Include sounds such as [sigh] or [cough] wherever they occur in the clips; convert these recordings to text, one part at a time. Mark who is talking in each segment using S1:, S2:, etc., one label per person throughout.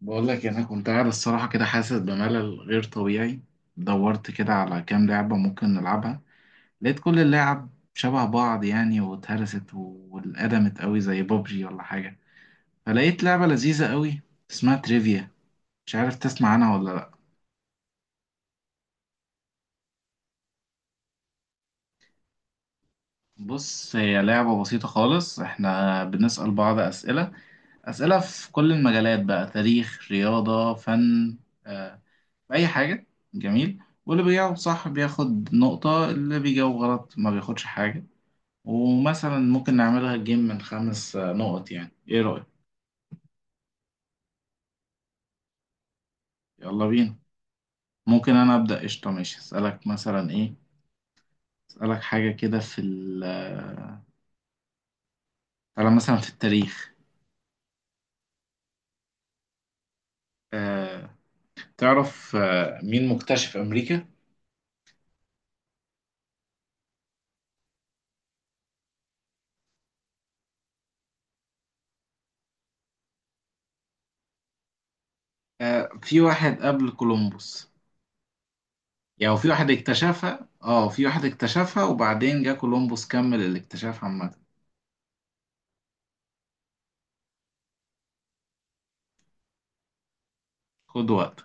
S1: بقول لك انا كنت قاعد الصراحه كده حاسس بملل غير طبيعي. دورت كده على كام لعبه ممكن نلعبها. لقيت كل اللعب شبه بعض، يعني واتهرست واتقدمت قوي زي بابجي ولا حاجه. فلقيت لعبه لذيذه قوي اسمها تريفيا. مش عارف تسمع عنها ولا لا. بص هي لعبه بسيطه خالص، احنا بنسال بعض اسئله. اسئله في كل المجالات بقى، تاريخ رياضه فن، آه، بأي حاجة. جميل، واللي بيجاوب صح بياخد نقطة، اللي بيجاوب غلط ما بياخدش حاجة. ومثلا ممكن نعملها جيم من خمس نقط. يعني ايه رأيك؟ يلا بينا. ممكن انا ابدأ؟ قشطة، ماشي. اسألك مثلا ايه؟ اسألك حاجة كده في ال على مثلا في التاريخ. آه، تعرف آه مين مكتشف امريكا؟ آه، في واحد قبل كولومبوس. يعني في واحد اكتشفها، اه في واحد اكتشفها وبعدين جه كولومبوس كمل الاكتشاف عامة. خد وقت.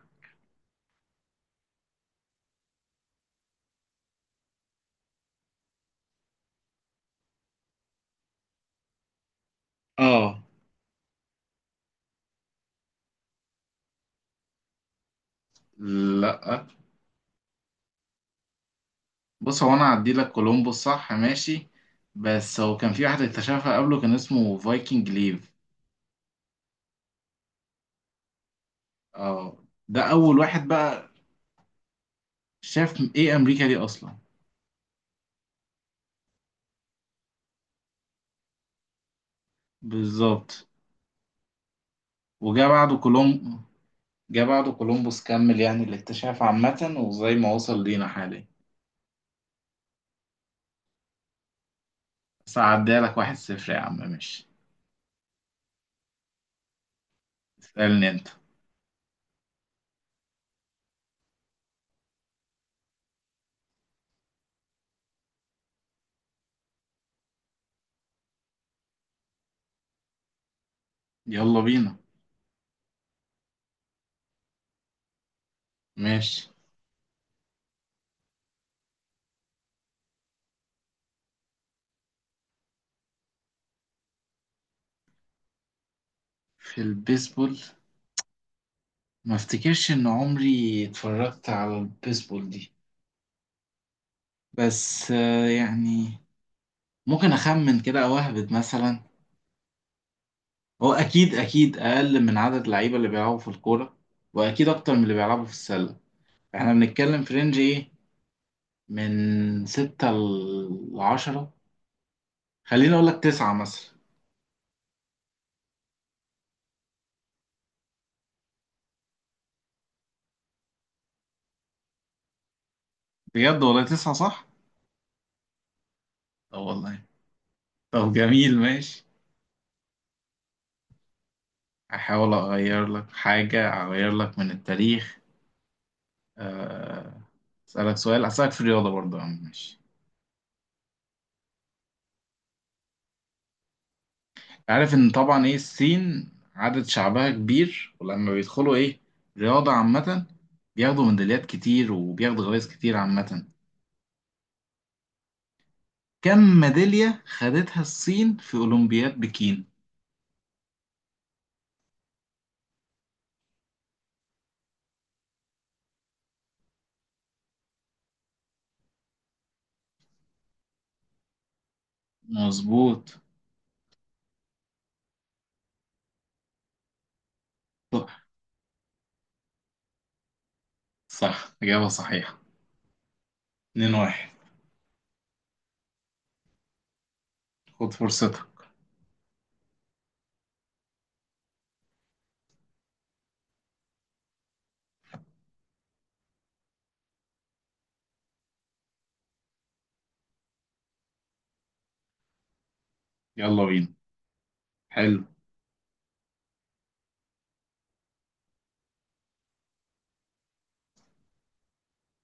S1: اه، لا بص هو انا هعدي لك كولومبوس، صح ماشي. بس هو كان في واحد اكتشفها قبله، كان اسمه فايكنج ليف. اه، ده اول واحد بقى شاف ايه امريكا دي اصلا. بالظبط. وجا بعده جا بعده كولومبوس، كمل يعني الاكتشاف عامة وزي ما وصل لينا حاليا. بس هعديها لك، 1-0 يا عم، ماشي. اسألني انت. يلا بينا، ماشي. في البيسبول؟ ما افتكرش ان عمري اتفرجت على البيسبول دي، بس يعني ممكن اخمن كده او اهبد مثلا. هو اكيد اكيد اقل من عدد اللعيبه اللي بيلعبوا في الكوره، واكيد اكتر من اللي بيلعبوا في السله. احنا بنتكلم في رينج ايه، من 6 لـ10. خليني اقول لك 9 مثلا. بجد والله 9 صح؟ اه والله. طب جميل ماشي. احاول اغير لك حاجة، اغير لك من التاريخ. أه... اسألك سؤال، اسألك في الرياضة برضه يا عم، ماشي. عارف ان طبعا ايه الصين عدد شعبها كبير، ولما بيدخلوا ايه رياضة عامة بياخدوا ميداليات كتير وبياخدوا جوائز كتير عامة. كم ميدالية خدتها الصين في أولمبياد بكين؟ مظبوط. صح، صح، إجابة صحيحة. 2 واحد. خد فرصتك. يلا بينا، حلو.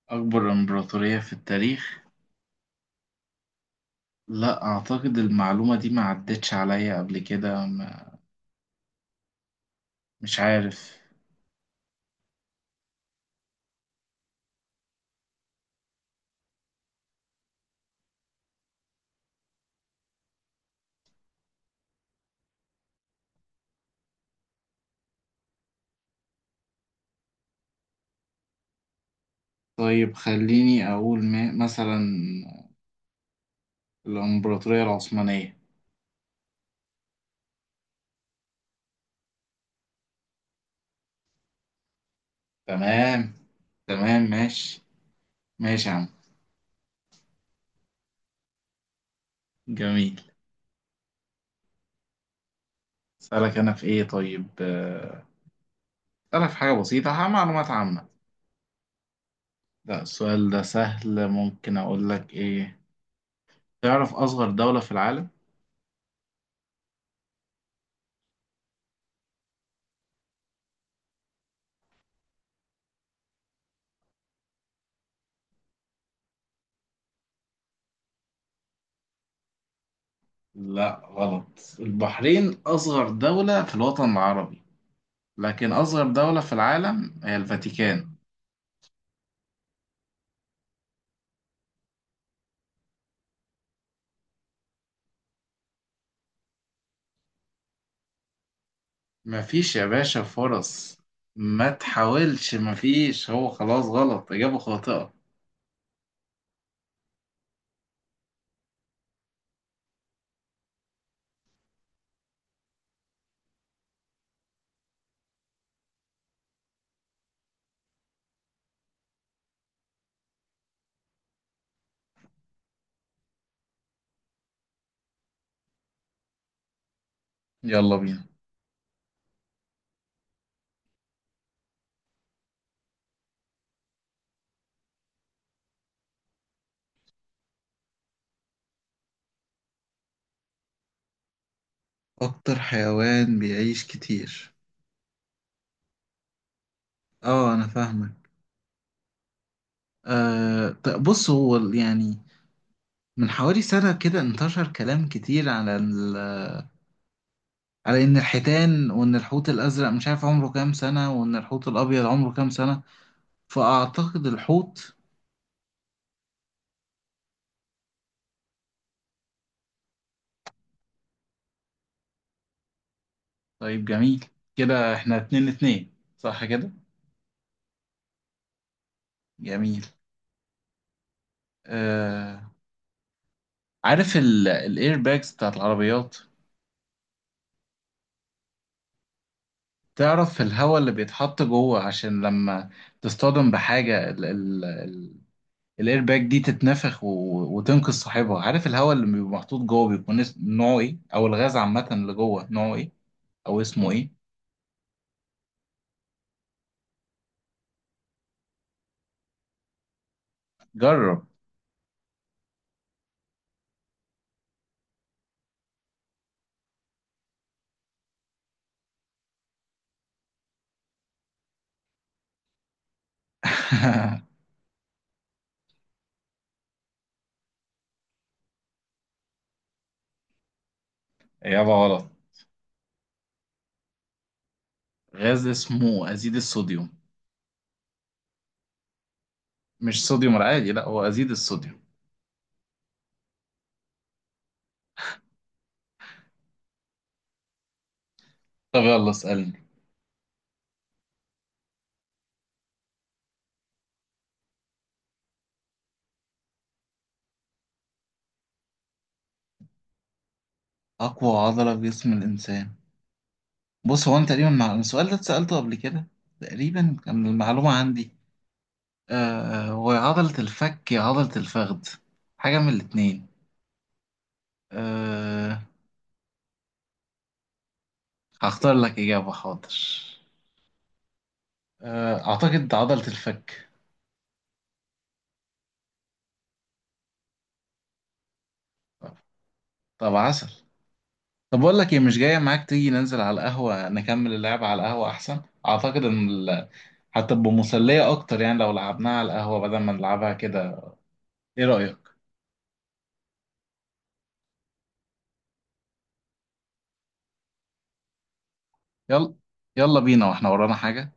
S1: أكبر إمبراطورية في التاريخ. لا أعتقد المعلومة دي ما عدتش عليا قبل كده، مش عارف. طيب خليني أقول ما مثلا الإمبراطورية العثمانية. تمام، تمام ماشي، ماشي يا عم. جميل. أسألك أنا في إيه طيب؟ أسألك في حاجة بسيطة، معلومات عامة. لا السؤال ده سهل، ممكن أقول لك إيه. تعرف أصغر دولة في العالم؟ لا، غلط. البحرين أصغر دولة في الوطن العربي، لكن أصغر دولة في العالم هي الفاتيكان. مفيش يا باشا فرص، ما تحاولش مفيش، هو خلاص غلط، إجابة خاطئة. يلا بينا. أكتر حيوان بيعيش كتير. اه أنا فاهمك. أه، طب بص هو يعني من حوالي سنة كده انتشر كلام كتير على على إن الحيتان وإن الحوت الأزرق مش عارف عمره كام سنة، وإن الحوت الأبيض عمره كام سنة. فأعتقد الحوت. طيب جميل. كده إحنا 2-2، صح كده؟ جميل. أه، عارف الإير باجز بتاعت العربيات؟ تعرف الهواء اللي بيتحط جوه عشان لما تصطدم بحاجة الايرباك دي تتنفخ وتنقذ صاحبها؟ عارف الهواء اللي بيبقى محطوط جوه بيكون نوعه ايه، او الغاز عامه اللي جوه نوعه ايه، او اسمه ايه؟ جرب. [laughs] اجابه غلط. غاز اسمه ازيد الصوديوم، مش صوديوم العادي، لا هو ازيد الصوديوم. طب يلا اسالني. اقوى عضله في جسم الانسان. بص هو انا تقريبا السؤال ده اتسالته قبل كده، تقريبا كان المعلومه عندي. هو يا عضله الفك يا عضله الفخذ، حاجه من الاتنين. آه... هختار لك إجابة، حاضر. أعتقد عضلة الفك. طب عسل. طب أقول لك إيه، مش جاية معاك تيجي ننزل على القهوة نكمل اللعبة على القهوة أحسن؟ أعتقد إن هتبقى مسلية أكتر، يعني لو لعبناها على القهوة بدل ما نلعبها كده. إيه رأيك؟ يلا، يلا بينا وإحنا ورانا حاجة.